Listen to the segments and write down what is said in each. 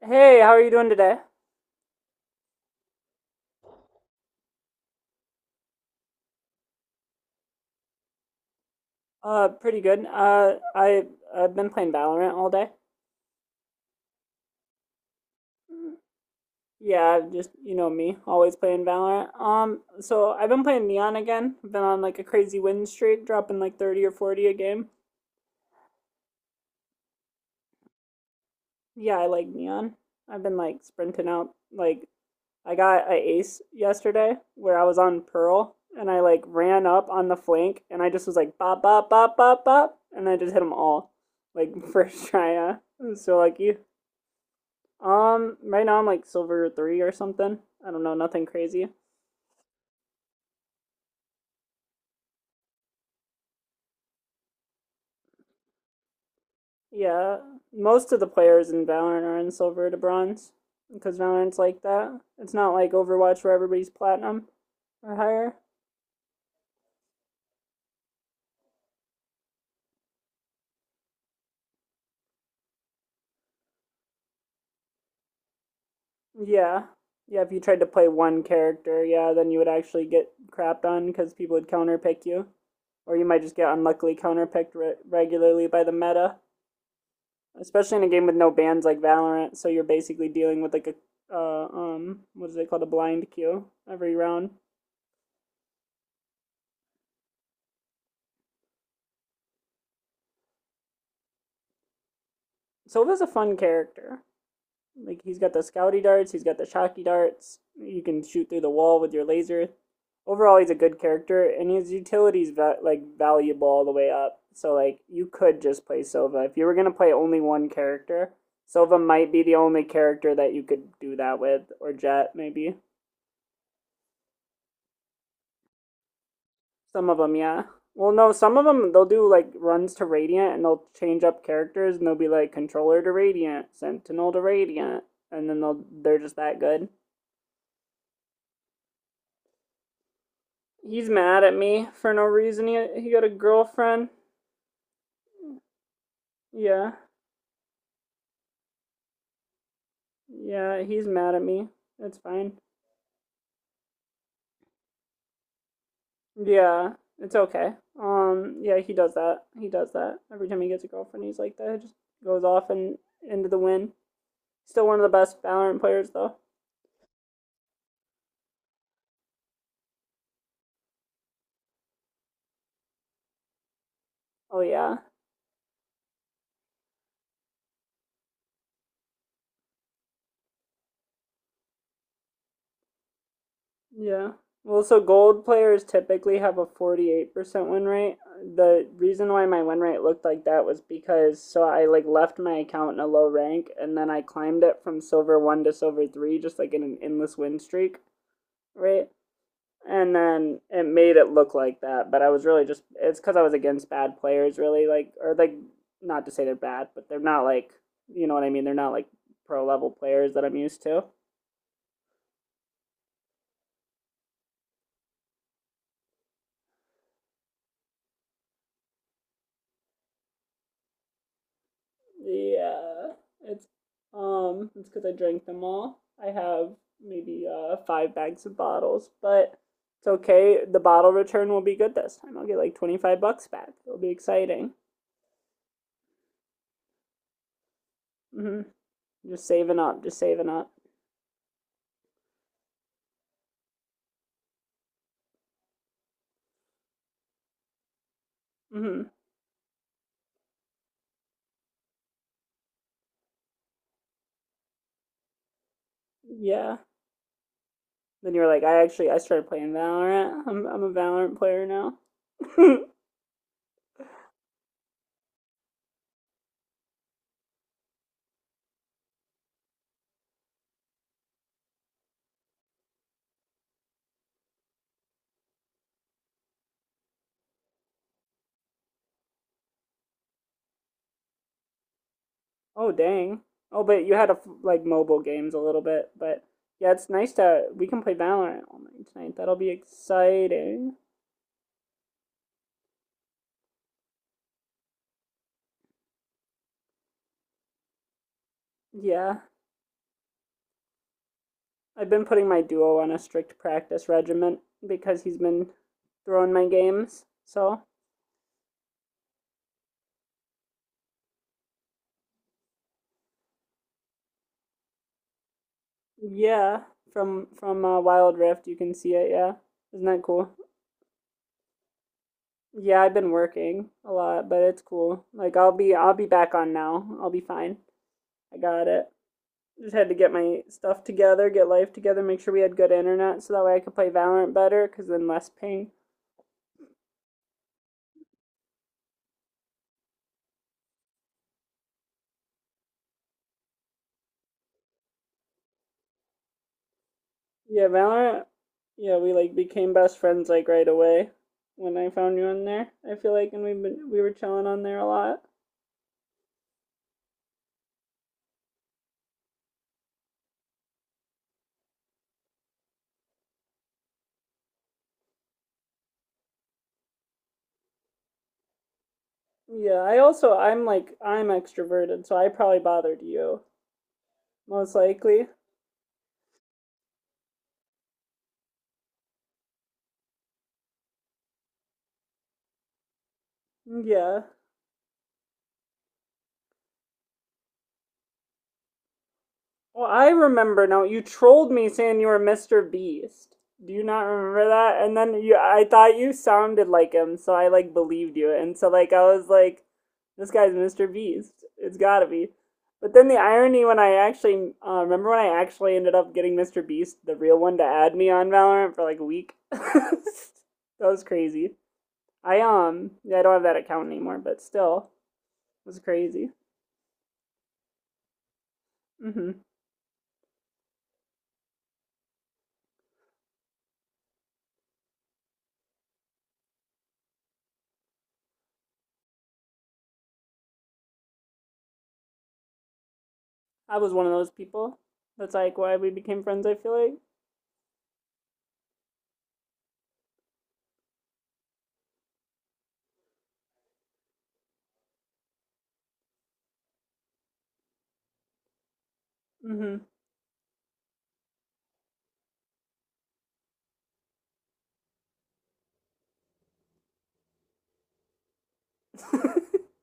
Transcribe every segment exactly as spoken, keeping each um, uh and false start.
Hey, how are you doing today? Uh, pretty good. Uh, I I've been playing Valorant all day. Mm. Yeah, just you know me, always playing Valorant. Um, so I've been playing Neon again. I've been on like a crazy win streak, dropping like thirty or forty a game. Yeah, I like Neon. I've been like sprinting out. Like I got a ace yesterday where I was on Pearl and I like ran up on the flank and I just was like bop bop bop bop bop and I just hit them all like first try. Uh, I'm so lucky. Um, right now I'm like silver three or something. I don't know, nothing crazy. Yeah, most of the players in Valorant are in silver to bronze because Valorant's like that. It's not like Overwatch where everybody's platinum or higher. Yeah, yeah. If you tried to play one character, yeah, then you would actually get crapped on because people would counterpick you, or you might just get unluckily counterpicked re- regularly by the meta. Especially in a game with no bans like Valorant. So you're basically dealing with like a uh, um what is it called, a blind queue every round. Silva's a fun character. Like he's got the scouty darts, he's got the shocky darts. You can shoot through the wall with your laser. Overall, he's a good character, and his utility's va- like valuable all the way up. So like you could just play Silva if you were gonna play only one character. Silva might be the only character that you could do that with, or Jet maybe. Some of them, yeah. Well, no, some of them they'll do like runs to Radiant and they'll change up characters and they'll be like controller to Radiant, Sentinel to Radiant, and then they'll they're just that good. He's mad at me for no reason. He he got a girlfriend. Yeah. Yeah, he's mad at me. It's fine. Yeah, it's okay. Um yeah, he does that. He does that. Every time he gets a girlfriend, he's like that. He just goes off and into the wind. Still one of the best Valorant players though. Oh yeah. Yeah. Well, so gold players typically have a forty-eight percent win rate. The reason why my win rate looked like that was because so I like left my account in a low rank and then I climbed it from silver one to silver three just like in an endless win streak, right? And then it made it look like that, but I was really just it's cuz I was against bad players really like or like not to say they're bad, but they're not like, you know what I mean? They're not like pro level players that I'm used to. Yeah, it's um, it's because I drank them all. I have maybe uh five bags of bottles, but it's okay. The bottle return will be good this time. I'll get like twenty five bucks back. It'll be exciting. hmm Just saving up, just saving up. Hmm, yeah. Then you were like, I actually I started playing Valorant. I'm I'm a Valorant player now. Oh dang. Oh, but you had a like mobile games a little bit, but yeah, it's nice to we can play Valorant all night tonight. That'll be exciting. Yeah, I've been putting my duo on a strict practice regimen because he's been throwing my games. So yeah, from from uh, Wild Rift you can see it. Yeah, isn't that cool? Yeah, I've been working a lot, but it's cool. Like I'll be I'll be back on now. I'll be fine. I got it. Just had to get my stuff together, get life together, make sure we had good internet so that way I could play Valorant better, cause then less ping. Yeah, Valorant. Yeah, we like became best friends like right away when I found you on there. I feel like, and we've been we were chilling on there a lot. Yeah, I also, I'm like, I'm extroverted, so I probably bothered you most likely. Yeah, Well, I remember now. You trolled me saying you were mister Beast. Do you not remember that? And then you, I thought you sounded like him, so I like believed you. And so like I was like, this guy's mister Beast. It's gotta be. But then the irony when I actually uh, remember when I actually ended up getting mister Beast, the real one, to add me on Valorant for like a week. That was crazy. I um, Yeah, I don't have that account anymore, but still, it was crazy. Mm-hmm. I was one of those people. That's like why we became friends, I feel like. Mm-hmm.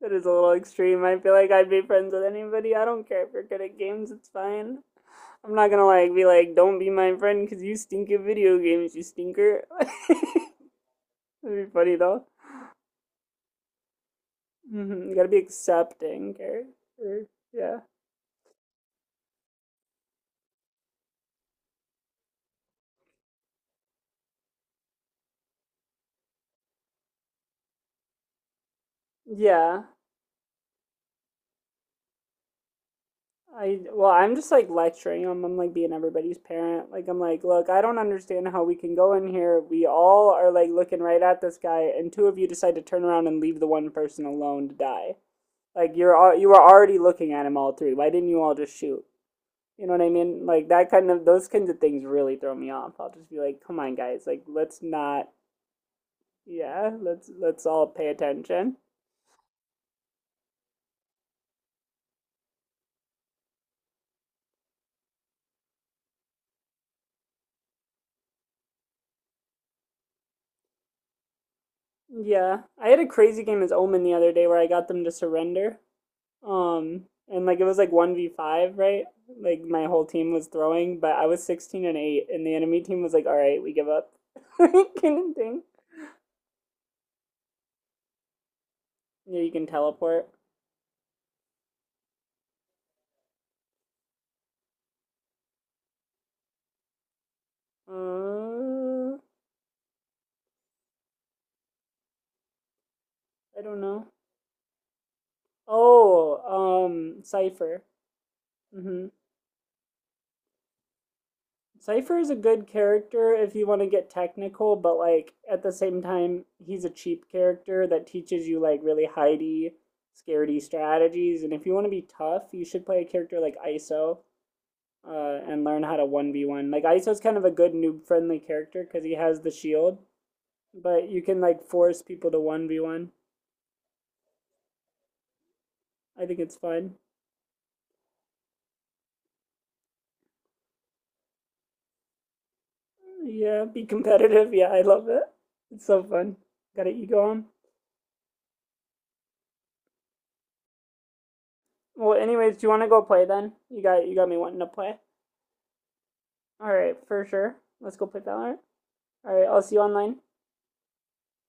That is a little extreme. I feel like I'd be friends with anybody. I don't care if you're good at games, it's fine. I'm not gonna like be like, don't be my friend because you stink at video games, you stinker. That'd be funny though. Mm-hmm. You gotta be accepting, okay? Or- yeah. Yeah. I well, I'm just like lecturing them. I'm like being everybody's parent. Like I'm like, look, I don't understand how we can go in here. We all are like looking right at this guy, and two of you decide to turn around and leave the one person alone to die. Like you're all, you were already looking at him all three. Why didn't you all just shoot? You know what I mean? Like that kind of those kinds of things really throw me off. I'll just be like, come on, guys, like let's not. Yeah, let's let's all pay attention. Yeah, I had a crazy game as Omen the other day where I got them to surrender. Um, and like it was like one v five, right? Like my whole team was throwing, but I was sixteen and eight, and the enemy team was like, "All right, we give up." Kind of thing. Yeah, you can teleport. Uh, I don't know. Oh, um, Cipher. Mm-hmm. Cipher is a good character if you want to get technical, but like at the same time, he's a cheap character that teaches you like really hidey, scaredy strategies. And if you want to be tough, you should play a character like ISO, uh, and learn how to one v one. Like, Aizo's kind of a good noob friendly character because he has the shield, but you can, like, force people to one v one. I think it's fun. Yeah, be competitive. Yeah, I love it. It's so fun. Got an ego on. Well, anyways, do you want to go play then? You got you got me wanting to play. All right, for sure. Let's go play Valorant. All right, I'll see you online.